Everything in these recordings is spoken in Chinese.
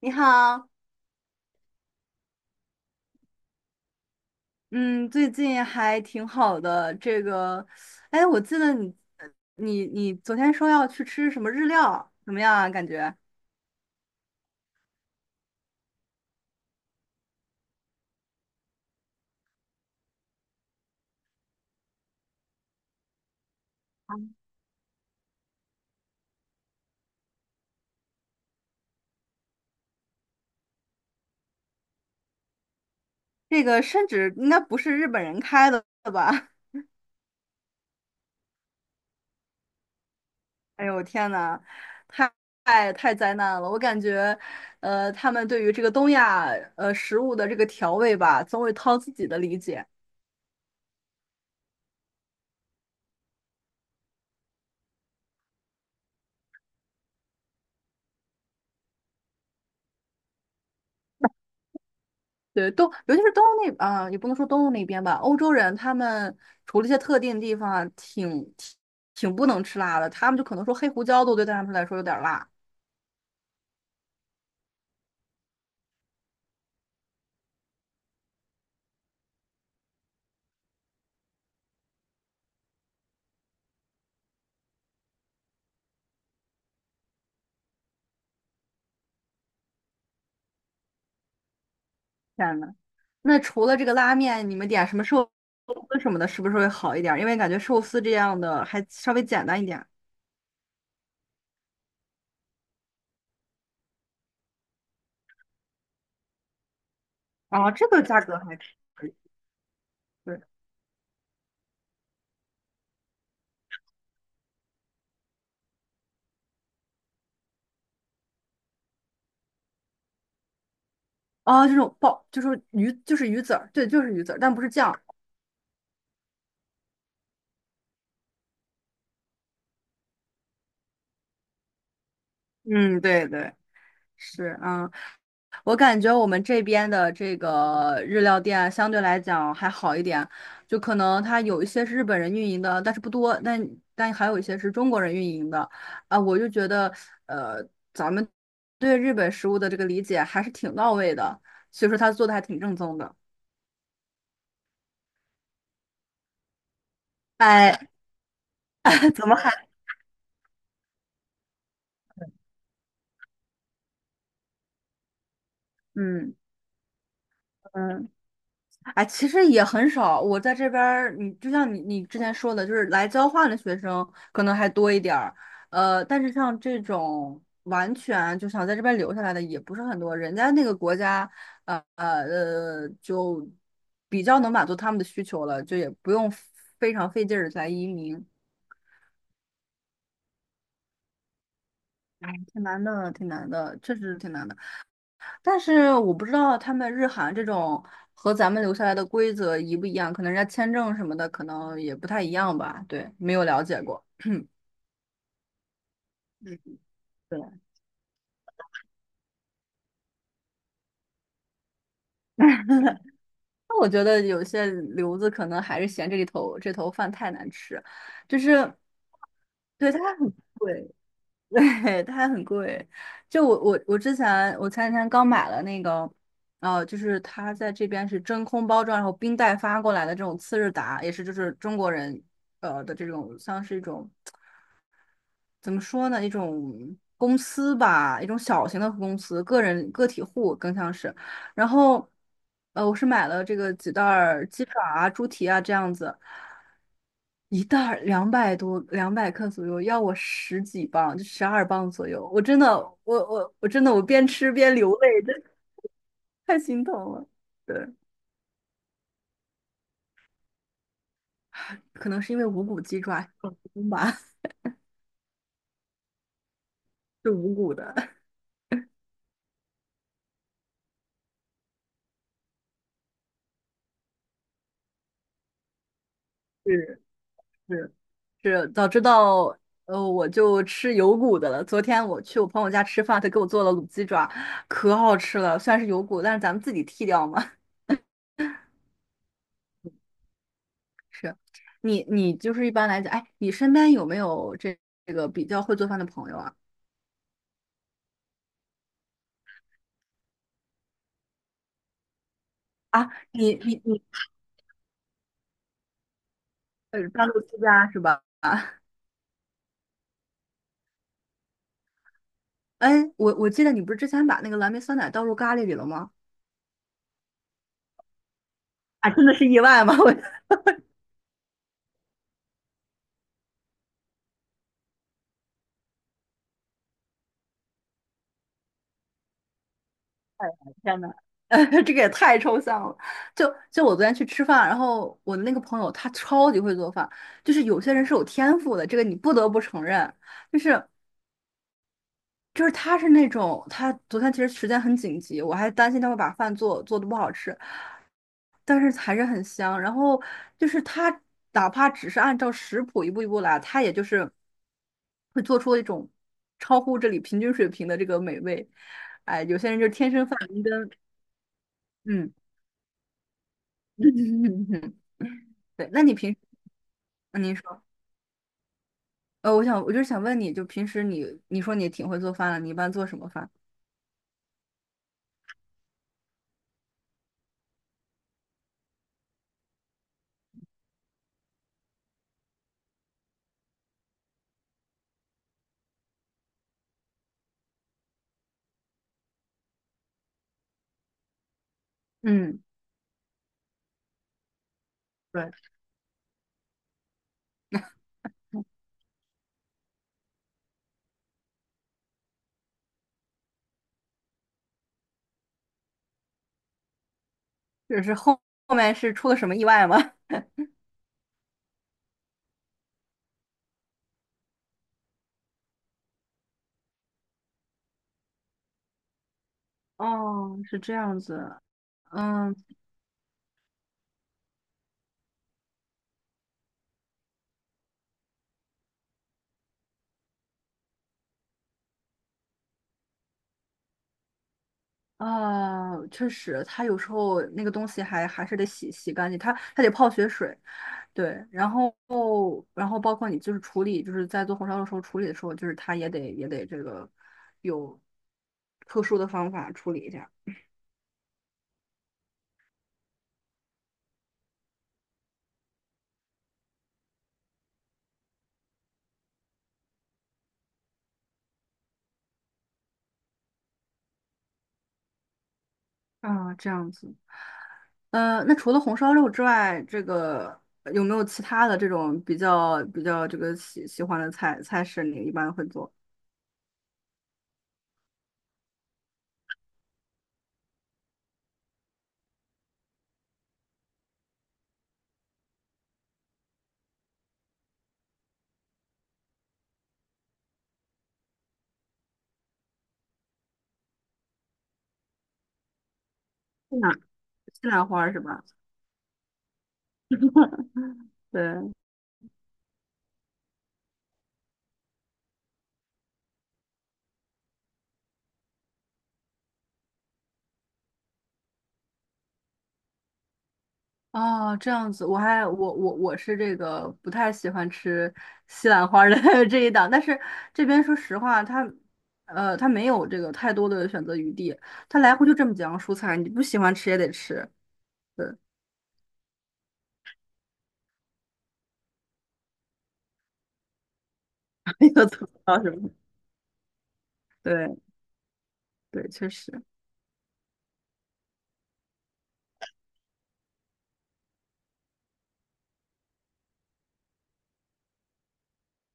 你好，嗯，最近还挺好的。这个，哎，我记得你昨天说要去吃什么日料，怎么样啊？感觉这个甚至应该不是日本人开的吧？哎呦，天呐，太太太灾难了！我感觉，他们对于这个东亚食物的这个调味吧，总会掏自己的理解。对，尤其是东欧那啊、也不能说东欧那边吧，欧洲人他们除了一些特定地方啊挺不能吃辣的，他们就可能说黑胡椒都对他们来说有点儿辣。天呐，那除了这个拉面，你们点什么寿司什么的，是不是会好一点儿？因为感觉寿司这样的还稍微简单一点。啊，这个价格还可以。对，啊，这种爆就是鱼，就是鱼籽儿，对，就是鱼籽儿，但不是酱。嗯，对对。是，啊，我感觉我们这边的这个日料店啊相对来讲还好一点，就可能它有一些是日本人运营的，但是不多，但还有一些是中国人运营的，啊，我就觉得，呃，咱们对日本食物的这个理解还是挺到位的，所以说他做的还挺正宗的。哎，怎么还嗯。嗯？哎，其实也很少。我在这边儿，你就像你之前说的，就是来交换的学生可能还多一点儿。但是像这种完全就想在这边留下来的也不是很多。人家那个国家，就比较能满足他们的需求了，就也不用非常费劲儿来移民，挺难的，挺难的，确实是挺难的。但是我不知道他们日韩这种和咱们留下来的规则一不一样，可能人家签证什么的可能也不太一样吧。对，没有了解过。嗯，对，那我觉得有些留子可能还是嫌这里头这头饭太难吃，就是对它很贵，对它很贵。就我之前我前几天刚买了那个，就是它在这边是真空包装，然后冰袋发过来的这种次日达，也是就是中国人的这种像是一种。怎么说呢？一种公司吧，一种小型的公司，个人个体户更像是。然后，我是买了这个几袋儿鸡爪啊、猪蹄啊这样子，一袋儿200多，200克左右，要我十几磅，就12磅左右。我真的，我真的，我边吃边流泪，真的太心疼了。对，可能是因为无骨鸡爪，吧，是无骨的。是是是，早知道我就吃有骨的了。昨天我去我朋友家吃饭，他给我做了卤鸡爪，可好吃了。虽然是有骨，但是咱们自己剔掉嘛。是，你就是一般来讲，哎，你身边有没有这个比较会做饭的朋友啊？啊，你，半路出家是吧？啊，哎，我记得你不是之前把那个蓝莓酸奶倒入咖喱里了吗？啊，真的是意外吗？我天呐，这个也太抽象了。就就我昨天去吃饭，然后我的那个朋友他超级会做饭，就是有些人是有天赋的，这个你不得不承认。就是就是他是那种，他昨天其实时间很紧急，我还担心他会把饭做的不好吃，但是还是很香。然后就是他哪怕只是按照食谱一步一步来，他也就是会做出一种超乎这里平均水平的这个美味。哎，有些人就是天生发明跟嗯。对，那你平时，嗯您说，我想，我就是想问你，就平时你，你说你挺会做饭的，你一般做什么饭？嗯，对，就是后面是出了什么意外吗？哦，是这样子，嗯，啊，确实，它有时候那个东西还是得洗洗干净，它得泡血水，对，然后包括你就是处理，就是在做红烧肉的时候处理的时候，就是它也得这个有特殊的方法处理一下。啊，这样子，那除了红烧肉之外，这个有没有其他的这种比较这个喜欢的菜式？你一般会做西兰西兰花儿是吧？对，哦，这样子，我还我我我是这个不太喜欢吃西兰花儿的 这一档，但是这边说实话，它没有这个太多的选择余地，它来回就这么几样蔬菜，你不喜欢吃也得吃，对，没有做不到什么，对对，确实，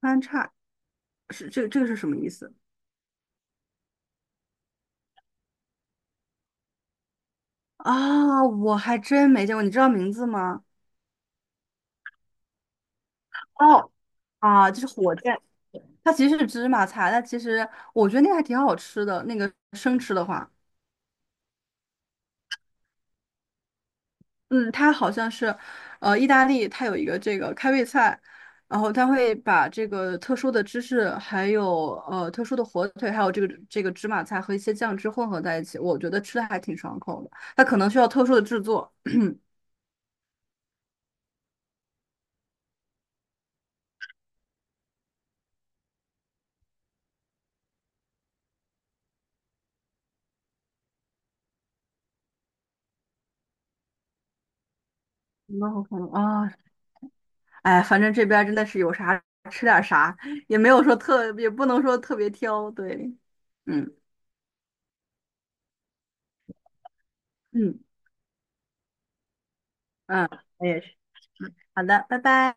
番差是这个这个是什么意思？啊，我还真没见过，你知道名字吗？哦，啊，就是火箭，它其实是芝麻菜，但其实我觉得那个还挺好吃的。那个生吃的话，嗯，它好像是，意大利它有一个这个开胃菜，然后它会把这个特殊的芝士，还有特殊的火腿，还有这个芝麻菜和一些酱汁混合在一起，我觉得吃的还挺爽口的。它可能需要特殊的制作，那我可能啊，哎，反正这边儿真的是有啥吃点儿啥，也没有说特，也不能说特别挑，对，嗯嗯，嗯，我也是。好的，拜拜。